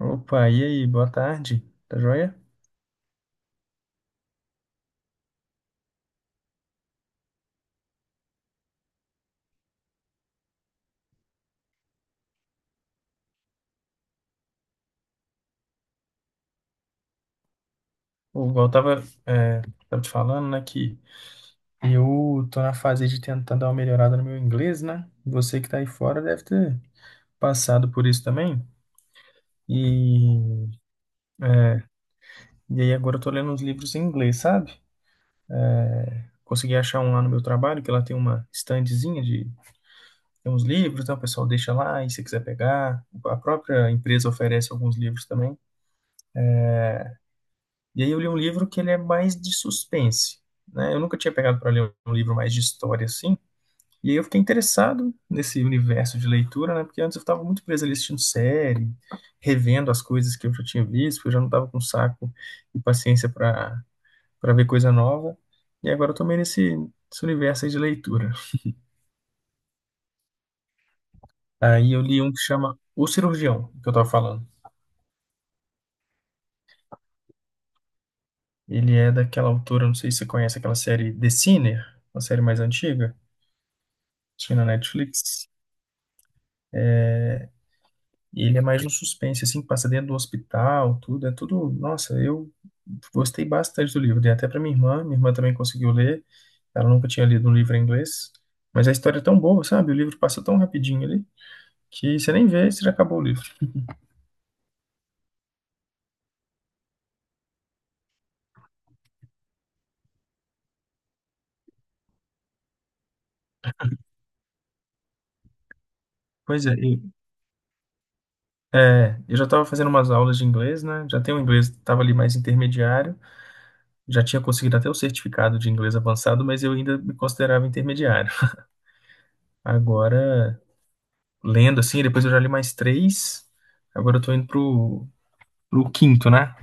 Opa, e aí, boa tarde, tá joia? O igual eu tava, tava te falando, né, que eu tô na fase de tentar dar uma melhorada no meu inglês, né? Você que tá aí fora deve ter passado por isso também. E, e aí agora eu tô lendo uns livros em inglês, sabe? Consegui achar um lá no meu trabalho, que lá tem uma estandezinha de tem uns livros, então o pessoal deixa lá, e se quiser pegar, a própria empresa oferece alguns livros também. E aí eu li um livro que ele é mais de suspense, né? Eu nunca tinha pegado para ler um livro mais de história assim. E aí eu fiquei interessado nesse universo de leitura, né? Porque antes eu estava muito preso ali assistindo série, revendo as coisas que eu já tinha visto, porque eu já não estava com saco e paciência para ver coisa nova. E agora eu tô meio nesse universo aí de leitura. Aí eu li um que chama O Cirurgião, que eu tava falando. Ele é daquela autora, não sei se você conhece aquela série The Sinner, uma série mais antiga, tinha na Netflix. E ele é mais um suspense, assim, que passa dentro do hospital, tudo, é tudo. Nossa, eu gostei bastante do livro. Dei até para minha irmã também conseguiu ler. Ela nunca tinha lido um livro em inglês, mas a história é tão boa, sabe? O livro passa tão rapidinho ali que você nem vê, você já acabou o livro. Pois é, eu já estava fazendo umas aulas de inglês, né? Já tenho um inglês, estava ali mais intermediário, já tinha conseguido até o certificado de inglês avançado, mas eu ainda me considerava intermediário. Agora, lendo assim, depois eu já li mais três. Agora eu tô indo pro quinto, né?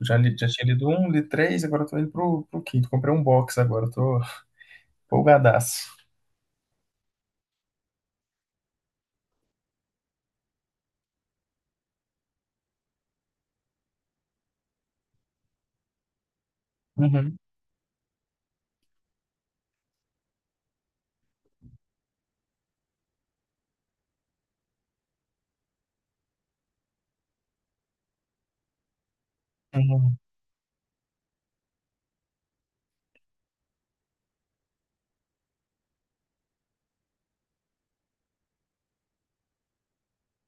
Eu Já, já tinha lido um, li três, agora eu tô indo pro quinto. Comprei um box agora, eu tô empolgadaço. Uhum, uhum,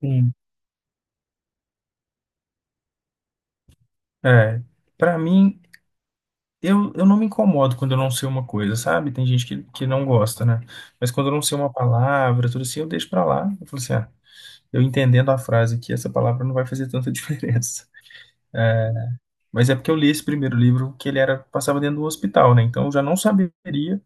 sim. É, pra mim, eu não me incomodo quando eu não sei uma coisa, sabe? Tem gente que não gosta, né? Mas quando eu não sei uma palavra, tudo assim, eu deixo pra lá. Eu falo assim, ah, eu entendendo a frase aqui, essa palavra não vai fazer tanta diferença. Mas é porque eu li esse primeiro livro que ele era passava dentro do hospital, né? Então eu já não saberia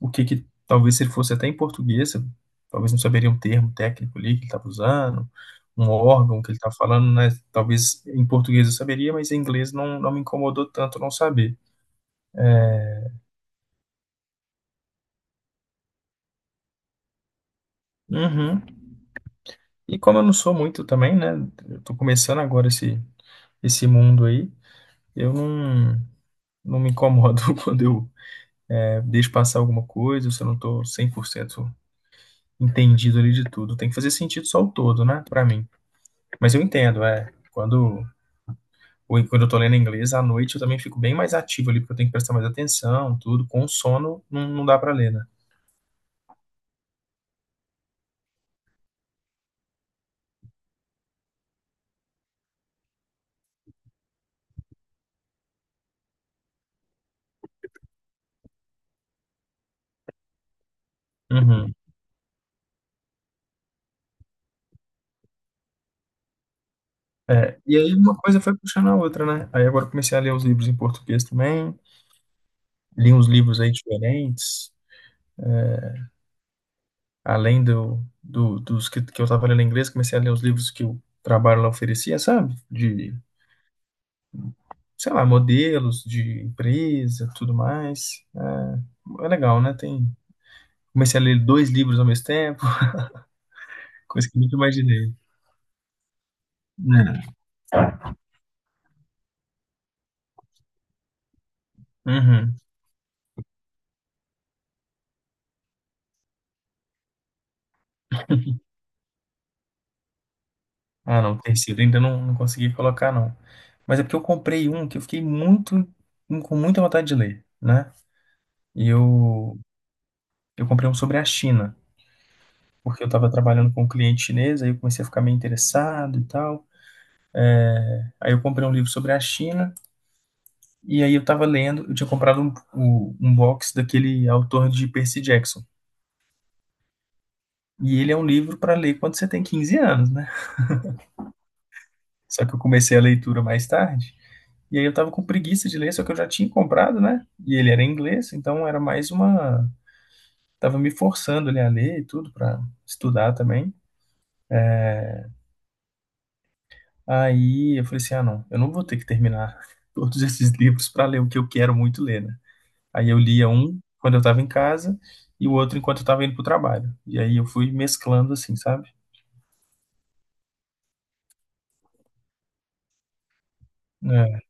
o que que talvez se ele fosse até em português, talvez não saberia um termo técnico ali que ele estava usando, um órgão que ele estava falando, né? Talvez em português eu saberia, mas em inglês não, não me incomodou tanto não saber. Uhum. E como eu não sou muito também, né? Eu tô começando agora esse mundo aí, eu não, não me incomodo quando eu deixo passar alguma coisa, se eu não tô 100% entendido ali de tudo. Tem que fazer sentido só o todo, né? Pra mim. Mas eu entendo, é. Quando eu tô lendo inglês, à noite eu também fico bem mais ativo ali, porque eu tenho que prestar mais atenção, tudo. Com sono, não dá pra ler, né? Uhum. É, e aí uma coisa foi puxando a outra, né? Aí agora eu comecei a ler os livros em português também, li uns livros aí diferentes, além dos que eu tava lendo em inglês, comecei a ler os livros que o trabalho lá oferecia, sabe? De, sei lá, modelos de empresa, tudo mais. É legal, né? Tem, comecei a ler dois livros ao mesmo tempo, coisa que eu nunca imaginei. Né? Uhum. Ah, não, tecido ainda não, não consegui colocar, não. Mas é porque eu comprei um que eu fiquei muito, com muita vontade de ler, né? E eu, eu comprei um sobre a China, porque eu estava trabalhando com um cliente chinês, aí eu comecei a ficar meio interessado e tal. Aí eu comprei um livro sobre a China, e aí eu estava lendo, eu tinha comprado um, o- um box daquele autor de Percy Jackson. E ele é um livro para ler quando você tem 15 anos, né? Só que eu comecei a leitura mais tarde. E aí eu tava com preguiça de ler, só que eu já tinha comprado, né? E ele era em inglês, então era mais uma. Tava me forçando ali a ler e tudo pra estudar também. Aí eu falei assim: ah, não, eu não vou ter que terminar todos esses livros pra ler o que eu quero muito ler, né? Aí eu lia um quando eu tava em casa e o outro enquanto eu tava indo pro trabalho. E aí eu fui mesclando assim, sabe? É.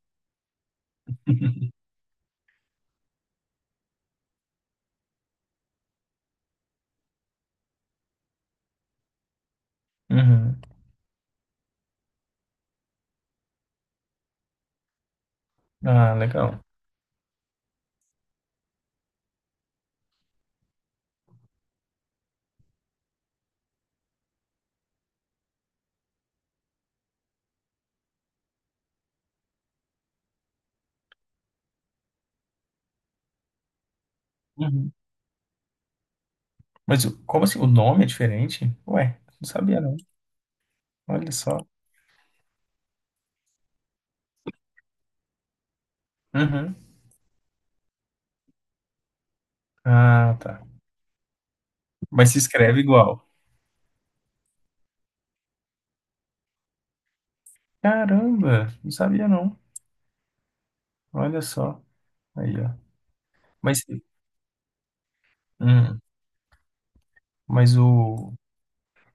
Uhum. Ah, legal. Uhum. Mas como assim? O nome é diferente? Ué, não sabia não. Olha só. Uhum. Ah, tá. Mas se escreve igual. Caramba, não sabia não. Olha só. Aí, ó. Mas, hum, mas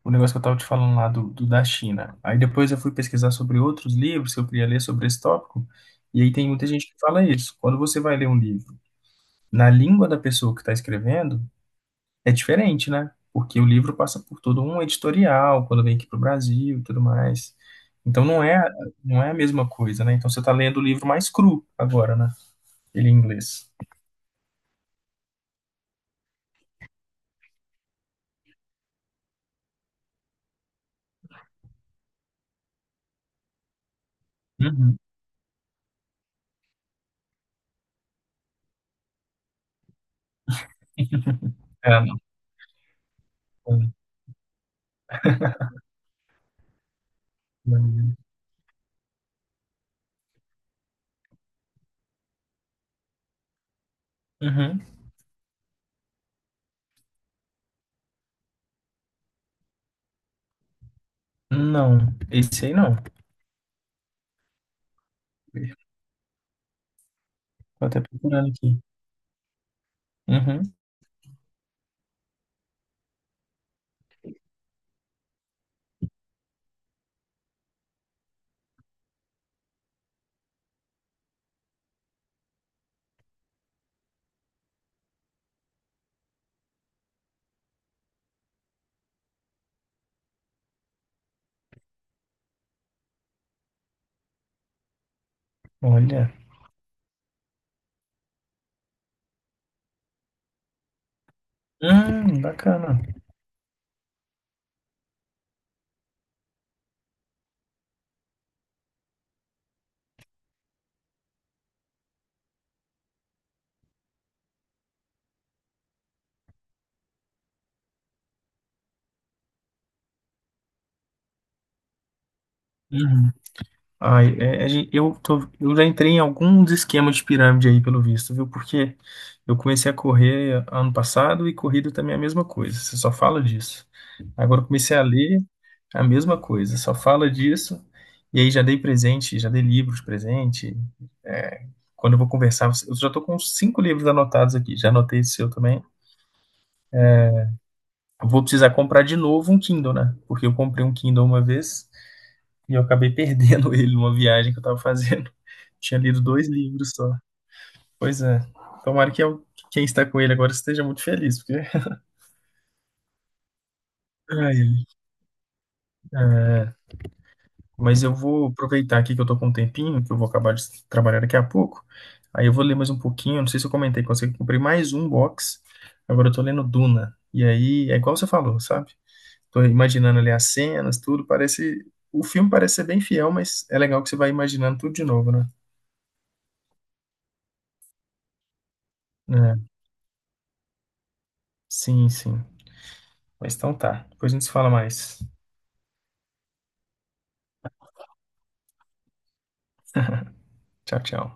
o negócio que eu tava te falando lá do, do da China. Aí depois eu fui pesquisar sobre outros livros que eu queria ler sobre esse tópico. E aí tem muita gente que fala isso. Quando você vai ler um livro na língua da pessoa que está escrevendo, é diferente, né? Porque o livro passa por todo um editorial, quando vem aqui para o Brasil e tudo mais. Então não é, não é a mesma coisa, né? Então você está lendo o livro mais cru agora, né? Ele em inglês. Uhum. Ah, não. Uhum. Não, esse aí não. Vou até procurando aqui. Uhum. Olha. Bacana. Uhum. Ai, eu tô, eu já entrei em alguns esquemas de pirâmide aí, pelo visto, viu? Porque eu comecei a correr ano passado e corrida também é a mesma coisa, você só fala disso. Agora eu comecei a ler é a mesma coisa, só fala disso. E aí já dei presente, já dei livros de presente. É, quando eu vou conversar, eu já tô com uns cinco livros anotados aqui, já anotei esse seu também. Vou precisar comprar de novo um Kindle, né? Porque eu comprei um Kindle uma vez. E eu acabei perdendo ele numa viagem que eu tava fazendo. Tinha lido dois livros só. Pois é. Tomara que quem está com ele agora esteja muito feliz, porque. Ai, é, mas eu vou aproveitar aqui que eu tô com um tempinho, que eu vou acabar de trabalhar daqui a pouco. Aí eu vou ler mais um pouquinho. Não sei se eu comentei com você que eu comprei mais um box. Agora eu tô lendo Duna. E aí é igual você falou, sabe? Tô imaginando ali as cenas, tudo. Parece. O filme parece ser bem fiel, mas é legal que você vai imaginando tudo de novo, né? É, sim, sim. Mas então tá. Depois a gente se fala mais. Tchau, tchau.